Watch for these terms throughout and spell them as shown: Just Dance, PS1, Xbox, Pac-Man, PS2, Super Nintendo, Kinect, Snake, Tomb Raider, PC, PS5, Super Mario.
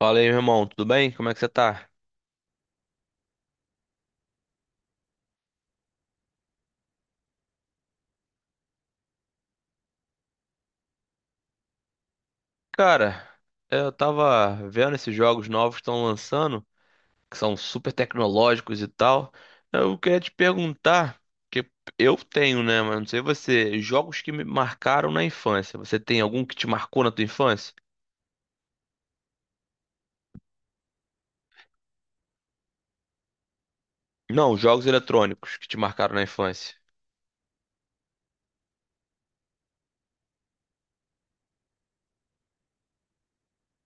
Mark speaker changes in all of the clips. Speaker 1: Fala aí, meu irmão, tudo bem? Como é que você tá? Cara, eu tava vendo esses jogos novos que estão lançando, que são super tecnológicos e tal. Eu queria te perguntar, que eu tenho, né, mas não sei você, jogos que me marcaram na infância. Você tem algum que te marcou na tua infância? Não, jogos eletrônicos que te marcaram na infância.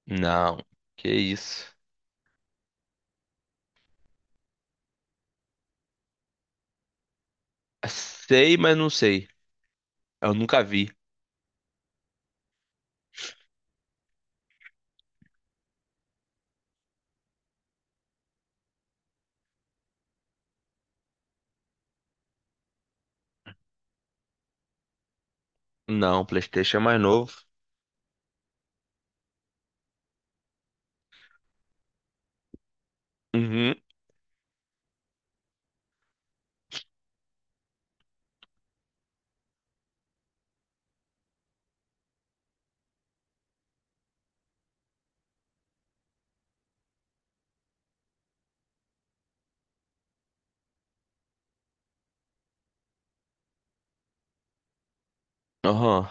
Speaker 1: Não, que isso. Sei, mas não sei. Eu nunca vi. Não, PlayStation é mais novo. Uhum, aham,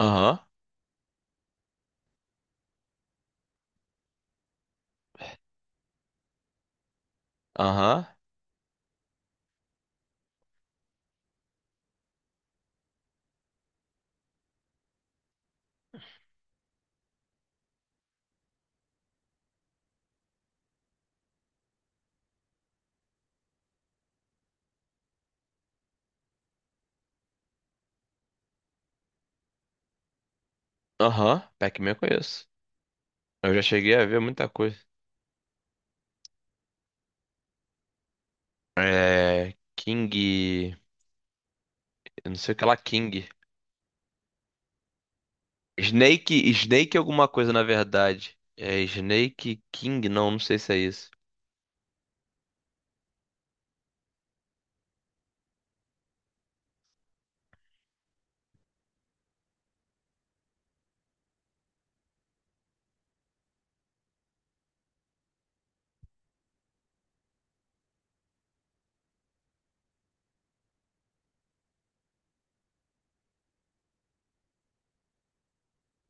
Speaker 1: aham, aham. Aham, Pac-Man eu conheço. Eu já cheguei a ver muita coisa. É. King. Eu não sei o que lá, King. Snake. Snake alguma coisa, na verdade. É Snake King? Não, não sei se é isso.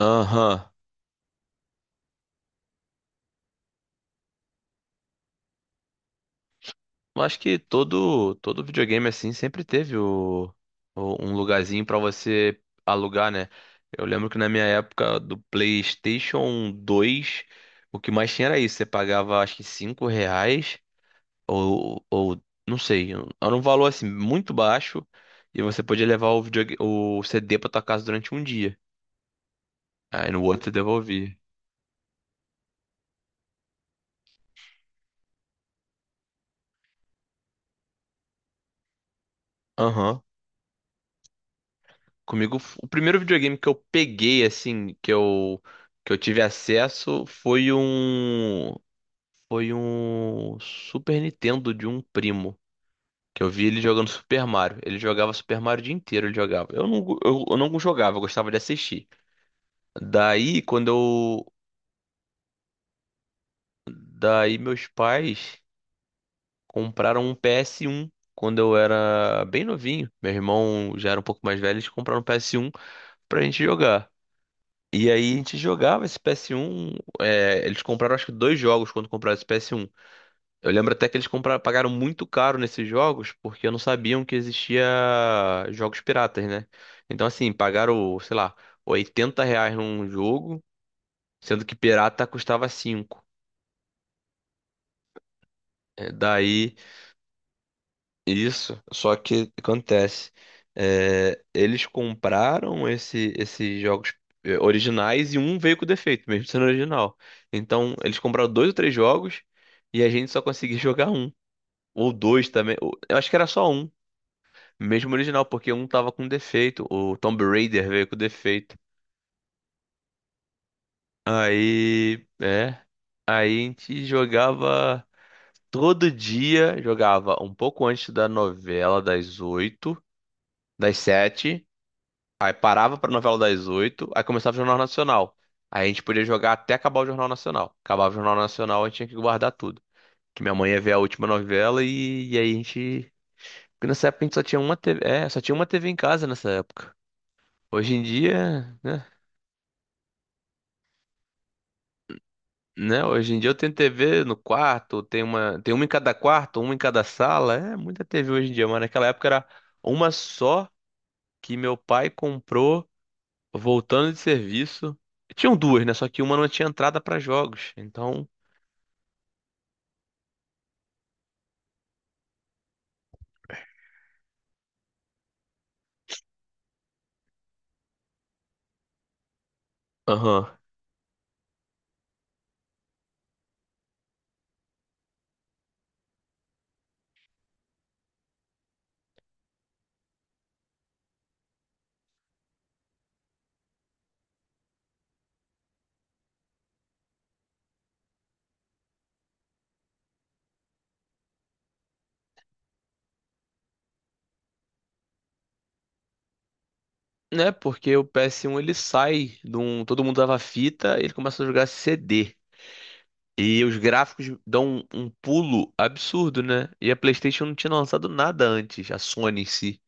Speaker 1: Aham. Eu acho que todo videogame assim sempre teve um lugarzinho pra você alugar, né? Eu lembro que na minha época do PlayStation 2, o que mais tinha era isso. Você pagava acho que 5 reais. Ou não sei, era um valor assim muito baixo e você podia levar o o CD pra tua casa durante um dia. Aí no outro eu devolvi. Aham. Comigo, o primeiro videogame que eu peguei assim, que eu tive acesso foi foi um Super Nintendo de um primo. Que eu vi ele jogando Super Mario. Ele jogava Super Mario o dia inteiro, ele jogava. Eu não, eu não jogava, eu gostava de assistir. Daí, quando eu. Daí, meus pais compraram um PS1 quando eu era bem novinho. Meu irmão já era um pouco mais velho, eles compraram um PS1 pra gente jogar. E aí a gente jogava esse PS1. Eles compraram acho que dois jogos quando compraram esse PS1. Eu lembro até que eles compraram, pagaram muito caro nesses jogos porque não sabiam que existia jogos piratas, né? Então assim, pagaram, sei lá, 80 reais num jogo, sendo que pirata custava cinco. É, Daí. Isso, só que acontece, eles compraram esses jogos originais e um veio com defeito, mesmo sendo original. Então, eles compraram dois ou três jogos e a gente só conseguia jogar um. Ou dois também, eu acho que era só um, mesmo original, porque um tava com defeito, o Tomb Raider veio com defeito. Aí, aí a gente jogava todo dia, jogava um pouco antes da novela, das sete. Aí parava pra novela das oito, aí começava o Jornal Nacional. Aí a gente podia jogar até acabar o Jornal Nacional. Acabava o Jornal Nacional, a gente tinha que guardar tudo. Que minha mãe ia ver a última novela e aí a gente. Porque nessa época a gente só tinha uma TV. É, só tinha uma TV em casa nessa época. Hoje em dia, né? Né? Hoje em dia eu tenho TV no quarto, tem uma em cada quarto, uma em cada sala. É muita TV hoje em dia, mas naquela época era uma só que meu pai comprou, voltando de serviço. Tinham duas, né? Só que uma não tinha entrada pra jogos. Então, aham. Né? Porque o PS1, ele sai de um. Todo mundo dava fita e ele começa a jogar CD. E os gráficos dão um pulo absurdo, né? E a PlayStation não tinha lançado nada antes, a Sony em si.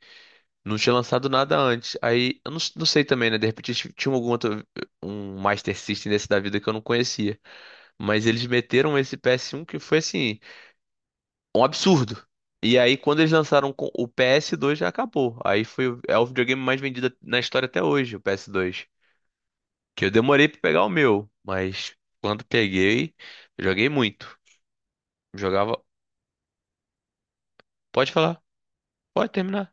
Speaker 1: Não tinha lançado nada antes. Aí, eu não, não sei também, né? De repente tinha algum outro, um Master System desse da vida que eu não conhecia. Mas eles meteram esse PS1 que foi assim um absurdo. E aí, quando eles lançaram o PS2, já acabou. Aí foi, é o videogame mais vendido na história até hoje, o PS2. Que eu demorei pra pegar o meu, mas quando peguei, joguei muito. Jogava. Pode falar, pode terminar.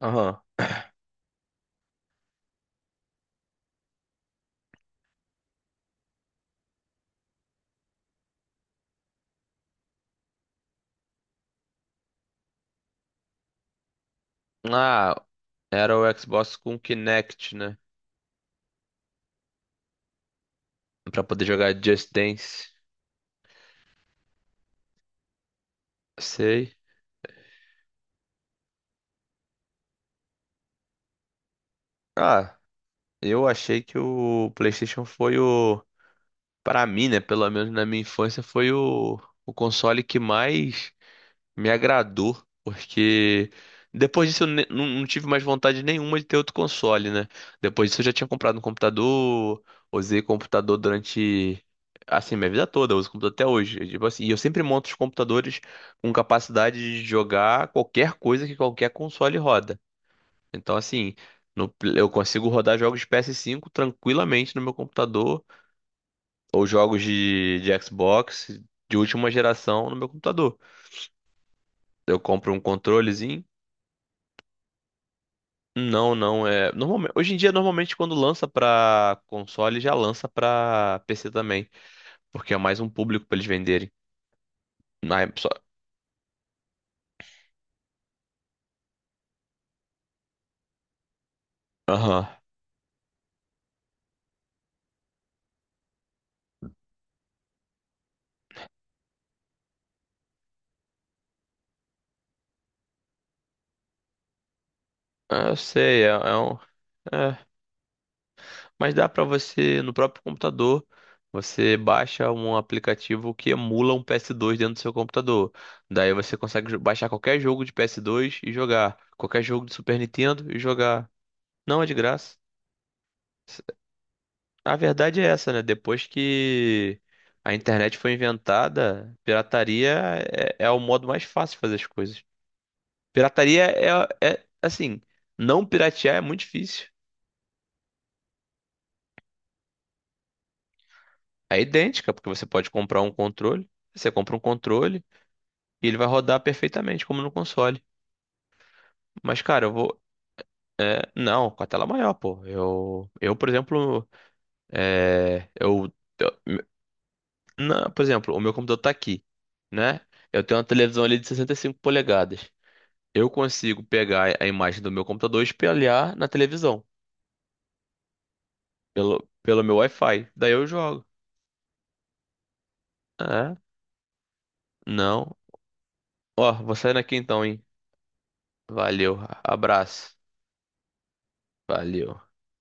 Speaker 1: Aham. Ah, era o Xbox com Kinect, né? Pra poder jogar Just Dance. Sei. Ah, eu achei que o PlayStation foi o. Pra mim, né? Pelo menos na minha infância, foi o console que mais me agradou, porque depois disso eu não tive mais vontade nenhuma de ter outro console, né? Depois disso eu já tinha comprado um computador, usei computador durante, assim, minha vida toda, eu uso computador até hoje. E, tipo assim, e eu sempre monto os computadores com capacidade de jogar qualquer coisa que qualquer console roda. Então, assim, no pl- eu consigo rodar jogos de PS5 tranquilamente no meu computador, ou jogos de Xbox de última geração no meu computador. Eu compro um controlezinho. Não, não é. Normalmente, hoje em dia, normalmente, quando lança pra console, já lança pra PC também. Porque é mais um público pra eles venderem. Ah, é só- Aham. Ah, eu sei, é, é um. É. Mas dá pra você, no próprio computador, você baixa um aplicativo que emula um PS2 dentro do seu computador. Daí você consegue baixar qualquer jogo de PS2 e jogar. Qualquer jogo de Super Nintendo e jogar. Não é de graça. A verdade é essa, né? Depois que a internet foi inventada, pirataria é o modo mais fácil de fazer as coisas. Pirataria assim, não piratear é muito difícil. É idêntica, porque você pode comprar um controle, você compra um controle e ele vai rodar perfeitamente, como no console. Mas, cara, eu vou. É, não, com a tela maior, pô. Eu por exemplo, é, eu, eu- não, por exemplo, o meu computador tá aqui, né? Eu tenho uma televisão ali de 65 polegadas. Eu consigo pegar a imagem do meu computador e espelhar na televisão, pelo meu Wi-Fi. Daí eu jogo. É, não. Ó, vou saindo aqui então, hein? Valeu, abraço. Valeu.